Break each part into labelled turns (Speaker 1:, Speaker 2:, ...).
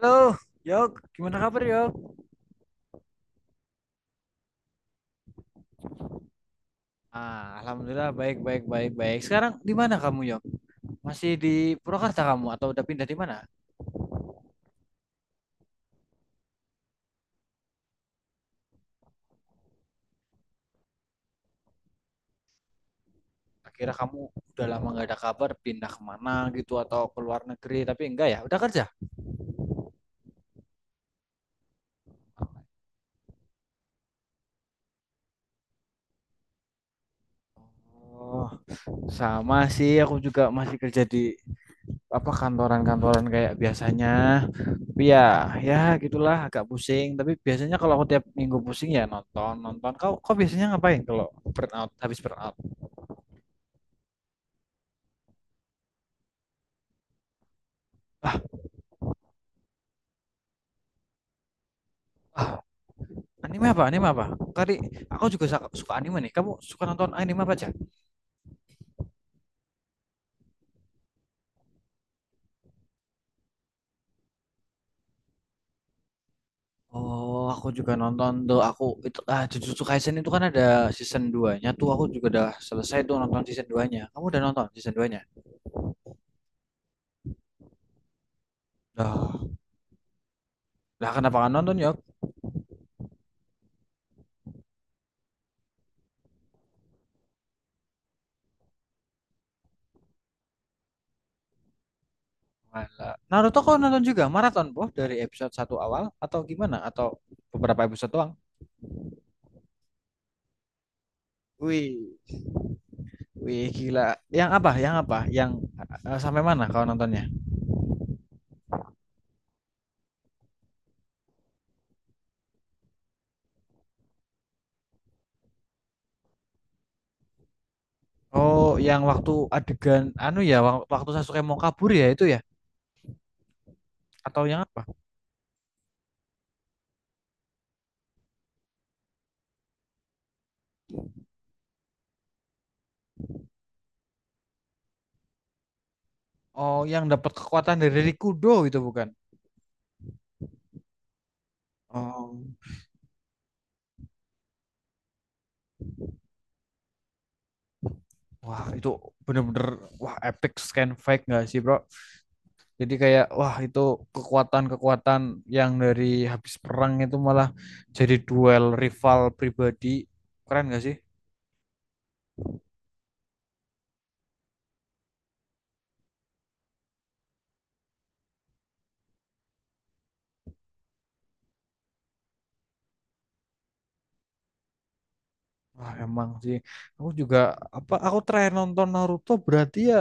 Speaker 1: Halo, Yok. Gimana kabar, Yok? Alhamdulillah baik, baik. Sekarang di mana kamu, Yok? Masih di Purwakarta kamu atau udah pindah di mana? Akhirnya kamu udah lama nggak ada kabar, pindah kemana gitu atau ke luar negeri? Tapi enggak ya, udah kerja. Oh, sama sih. Aku juga masih kerja di apa kantoran-kantoran kayak biasanya. Tapi ya, ya gitulah, agak pusing. Tapi biasanya kalau aku tiap minggu pusing ya nonton, nonton. Kau biasanya ngapain kalau habis burnout? Ah, ah, Anime apa? Anime apa? Kali aku juga suka anime nih. Kamu suka nonton anime apa aja? Oh, aku juga nonton tuh. Aku itu Jujutsu Kaisen itu kan ada season dua nya tuh. Aku juga udah selesai tuh nonton season 2-nya. Kamu udah nonton season 2-nya? Lah, lah kenapa kan nonton ya? Malah. Naruto kau nonton juga maraton, Boh, dari episode satu awal atau gimana? Atau beberapa episode doang? Wih, wih gila. Yang apa? Yang apa? Sampai mana kau nontonnya? Oh, yang waktu adegan anu ya, waktu Sasuke mau kabur ya itu ya, atau yang apa? Oh, yang dapat kekuatan dari Rikudo itu bukan? Oh, wah itu bener-bener wah epic scan fake nggak sih bro? Jadi kayak wah itu kekuatan-kekuatan yang dari habis perang itu malah jadi duel rival pribadi, keren nggak sih? Wah emang sih. Aku juga apa? Aku terakhir nonton Naruto berarti ya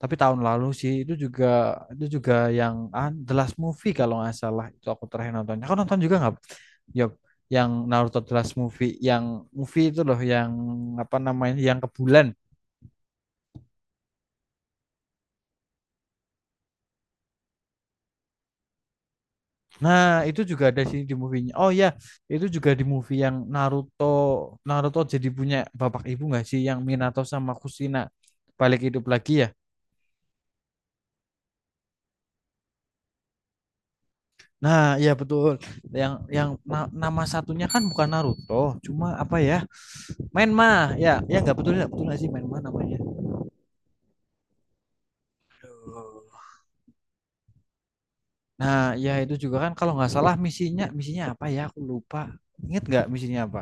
Speaker 1: tapi tahun lalu sih, itu juga itu juga yang The Last Movie kalau nggak salah itu aku terakhir nonton. Aku nonton juga nggak? Yok, yang Naruto The Last Movie, yang movie itu loh yang apa namanya yang ke bulan. Nah, itu juga ada sini di movie-nya. Oh ya, itu juga di movie yang Naruto Naruto jadi punya bapak ibu nggak sih, yang Minato sama Kushina balik hidup lagi ya. Nah, ya betul. Yang nama satunya kan bukan Naruto, cuma apa ya? Menma. Ya, ya nggak betul nggak sih Menma namanya. Nah, ya itu juga kan kalau nggak salah misinya misinya apa ya? Aku lupa. Ingat nggak misinya apa?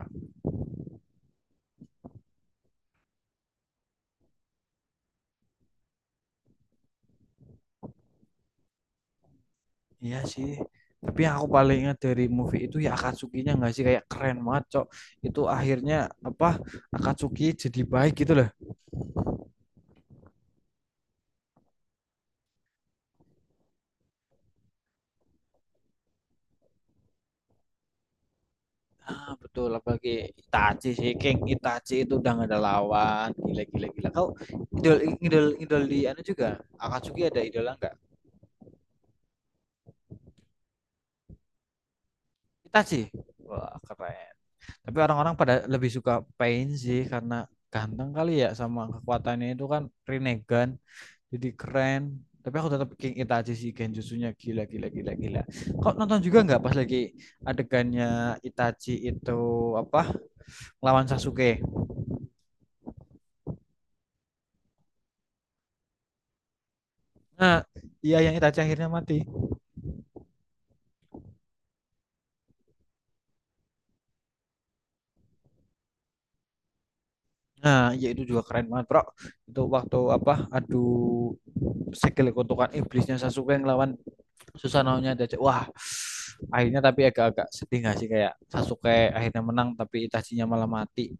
Speaker 1: Iya sih. Tapi yang aku paling ingat dari movie itu ya Akatsuki-nya nggak sih, kayak keren banget, Cok. Itu akhirnya apa, Akatsuki jadi baik gitu loh. Ah, betul, apalagi Itachi sih, King Itachi itu udah nggak ada lawan. Gila gila gila. Kau idol idol idol di anu juga. Akatsuki ada idola nggak? Itachi. Wah, keren. Tapi orang-orang pada lebih suka Pain sih karena ganteng kali ya sama kekuatannya itu kan Rinnegan, jadi keren. Tapi aku tetap King Itachi sih, Genjutsunya gila gila gila gila. Kau nonton juga nggak pas lagi adegannya Itachi itu apa lawan Sasuke? Nah iya, yang Itachi akhirnya mati. Nah ya itu juga keren banget bro. Itu waktu apa, adu segel kutukan iblisnya Sasuke ngelawan Susanoo-nya Itachi, wah. Akhirnya tapi agak-agak sedih nggak sih, kayak Sasuke akhirnya menang tapi Itachinya malah mati.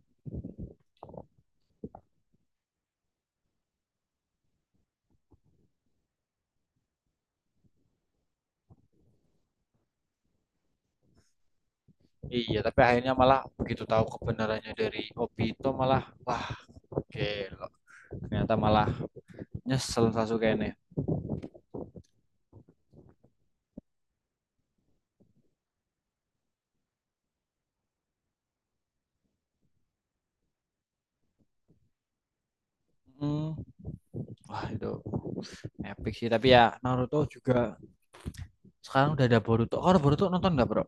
Speaker 1: Iya, tapi akhirnya malah begitu tahu kebenarannya dari Obito, malah wah gila. Ternyata malah nyesel Sasuke ini. Hmm. Wah itu epic sih. Tapi ya Naruto juga sekarang udah ada Boruto. Oh Boruto, nonton nggak bro?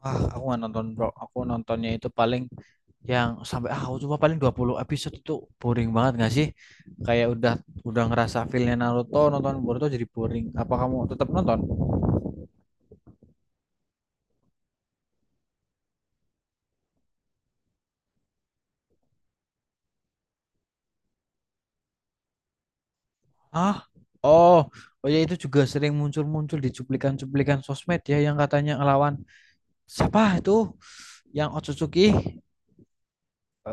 Speaker 1: Wah aku nggak nonton bro. Aku nontonnya itu paling yang sampai aku cuma paling 20 episode, itu boring banget nggak sih? Kayak udah ngerasa feelnya Naruto, nonton Boruto jadi boring. Apa kamu tetap nonton? Ah, Oh, oh ya itu juga sering muncul-muncul di cuplikan-cuplikan sosmed ya, yang katanya ngelawan siapa itu yang Otsutsuki, eh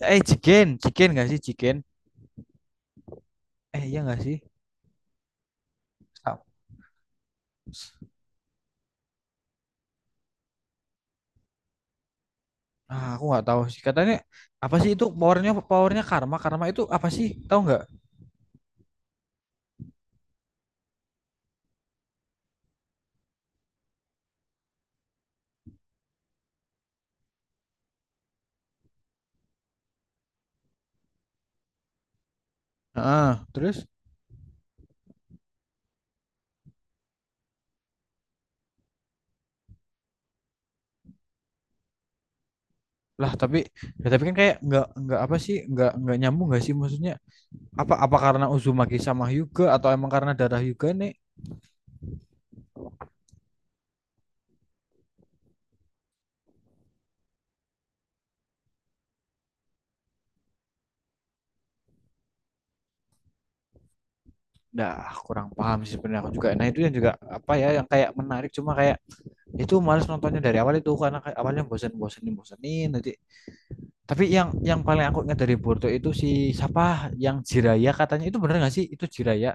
Speaker 1: eh, Jigen, nggak sih Jigen, eh iya nggak sih. Ah aku nggak tahu sih katanya apa sih itu powernya, karma, itu apa sih, tahu nggak? Ah terus, lah tapi ya tapi kan kayak nggak, apa sih, nggak nyambung nggak sih, maksudnya apa, karena Uzumaki sama Hyuga atau emang karena darah Hyuga nih? Dah, kurang paham sih sebenarnya aku juga. Nah itu yang juga apa ya, yang kayak menarik, cuma kayak itu males nontonnya dari awal itu karena kayak awalnya bosen, bosenin bosenin nanti. Tapi yang paling aku ingat dari Boruto itu si siapa yang Jiraya, katanya itu bener nggak sih itu Jiraya?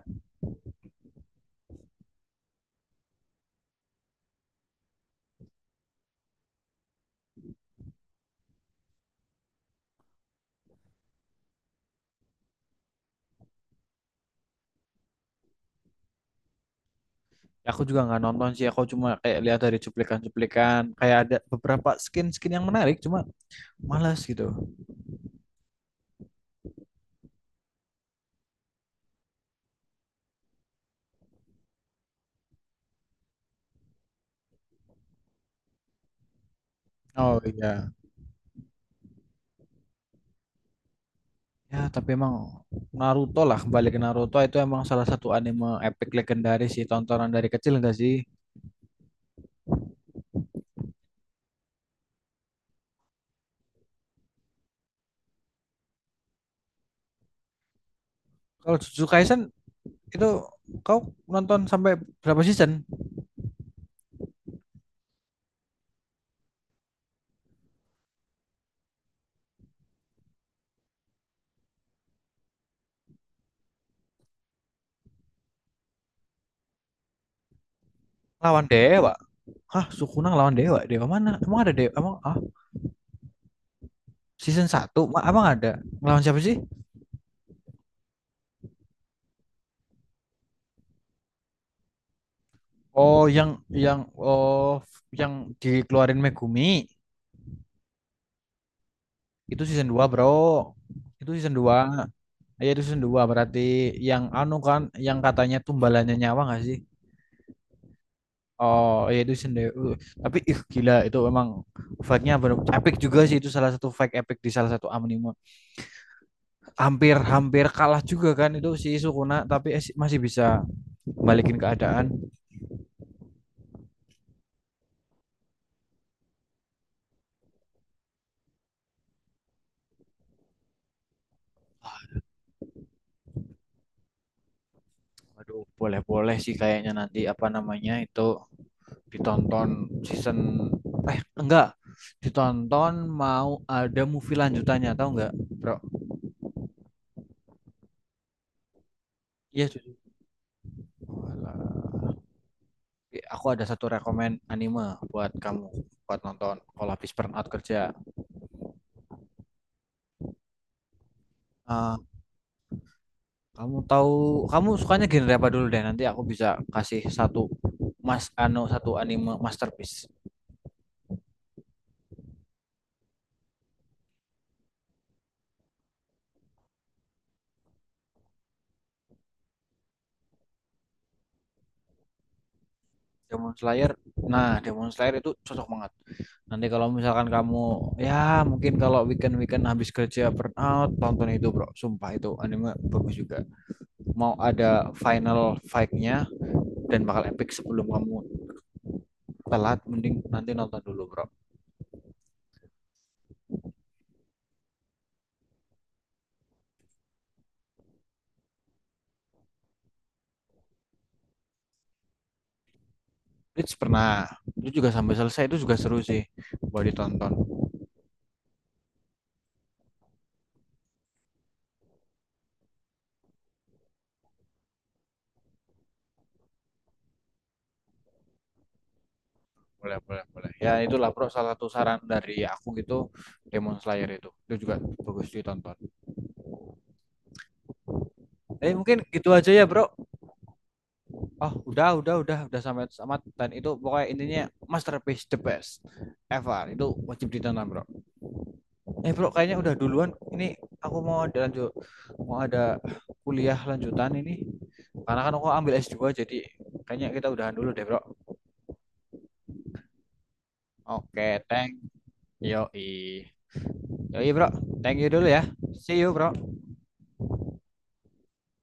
Speaker 1: Aku juga nggak nonton sih, aku cuma kayak lihat dari cuplikan-cuplikan, kayak ada beberapa skin-skin yang menarik, cuma malas gitu. Oh iya. Ya, tapi emang Naruto lah, kembali ke Naruto itu emang salah satu anime epic legendaris sih, tontonan dari kecil enggak sih? Kalau Jujutsu Kaisen itu kau nonton sampai berapa season? Lawan dewa. Hah, Sukuna lawan dewa? Dewa mana? Emang ada dewa? Season satu apa nggak ada? Ngelawan siapa sih? Oh, yang oh, yang dikeluarin Megumi, itu season 2 Bro. Itu season 2. Ya itu season dua berarti, yang anu kan yang katanya tumbalannya nyawa nggak sih? Oh, ya itu season 2. Tapi ih gila itu emang fight-nya bener- epic juga sih, itu salah satu fight epic di salah satu anime. Hampir-hampir kalah juga kan itu si Sukuna tapi si, masih bisa balikin keadaan. Waduh, boleh-boleh sih kayaknya, nanti apa namanya itu ditonton season, enggak, ditonton, mau ada movie lanjutannya, tahu enggak bro? Iya jujur. Eh, aku ada satu rekomen anime buat kamu, buat nonton kalau habis burnout kerja. Eh, kamu tahu, kamu sukanya genre apa dulu deh, nanti aku bisa kasih satu mas ano satu anime masterpiece. Demon Slayer. Nah, Demon Slayer itu cocok banget. Nanti kalau misalkan kamu ya mungkin kalau weekend-weekend habis kerja burn out, tonton itu, Bro. Sumpah itu anime bagus juga. Mau ada final fight-nya dan bakal epic, sebelum kamu telat mending nanti nonton dulu, Bro. Bleach pernah. Itu juga sampai selesai itu juga seru sih. Boleh ditonton. Boleh, boleh, boleh. Ya itulah, Bro, salah satu saran dari aku gitu, Demon Slayer itu. Itu juga bagus ditonton. Eh, mungkin gitu aja ya, Bro. Oh, udah sampai tamat, dan itu pokoknya intinya masterpiece the best ever. Itu wajib ditonton, Bro. Eh, Bro, kayaknya udah duluan. Ini aku mau ada lanjut, mau ada kuliah lanjutan ini. Karena kan aku ambil S2, jadi kayaknya kita udahan dulu deh, Bro. Oke, thank, yoi. Yoi, Bro. Thank you dulu ya. See you, Bro.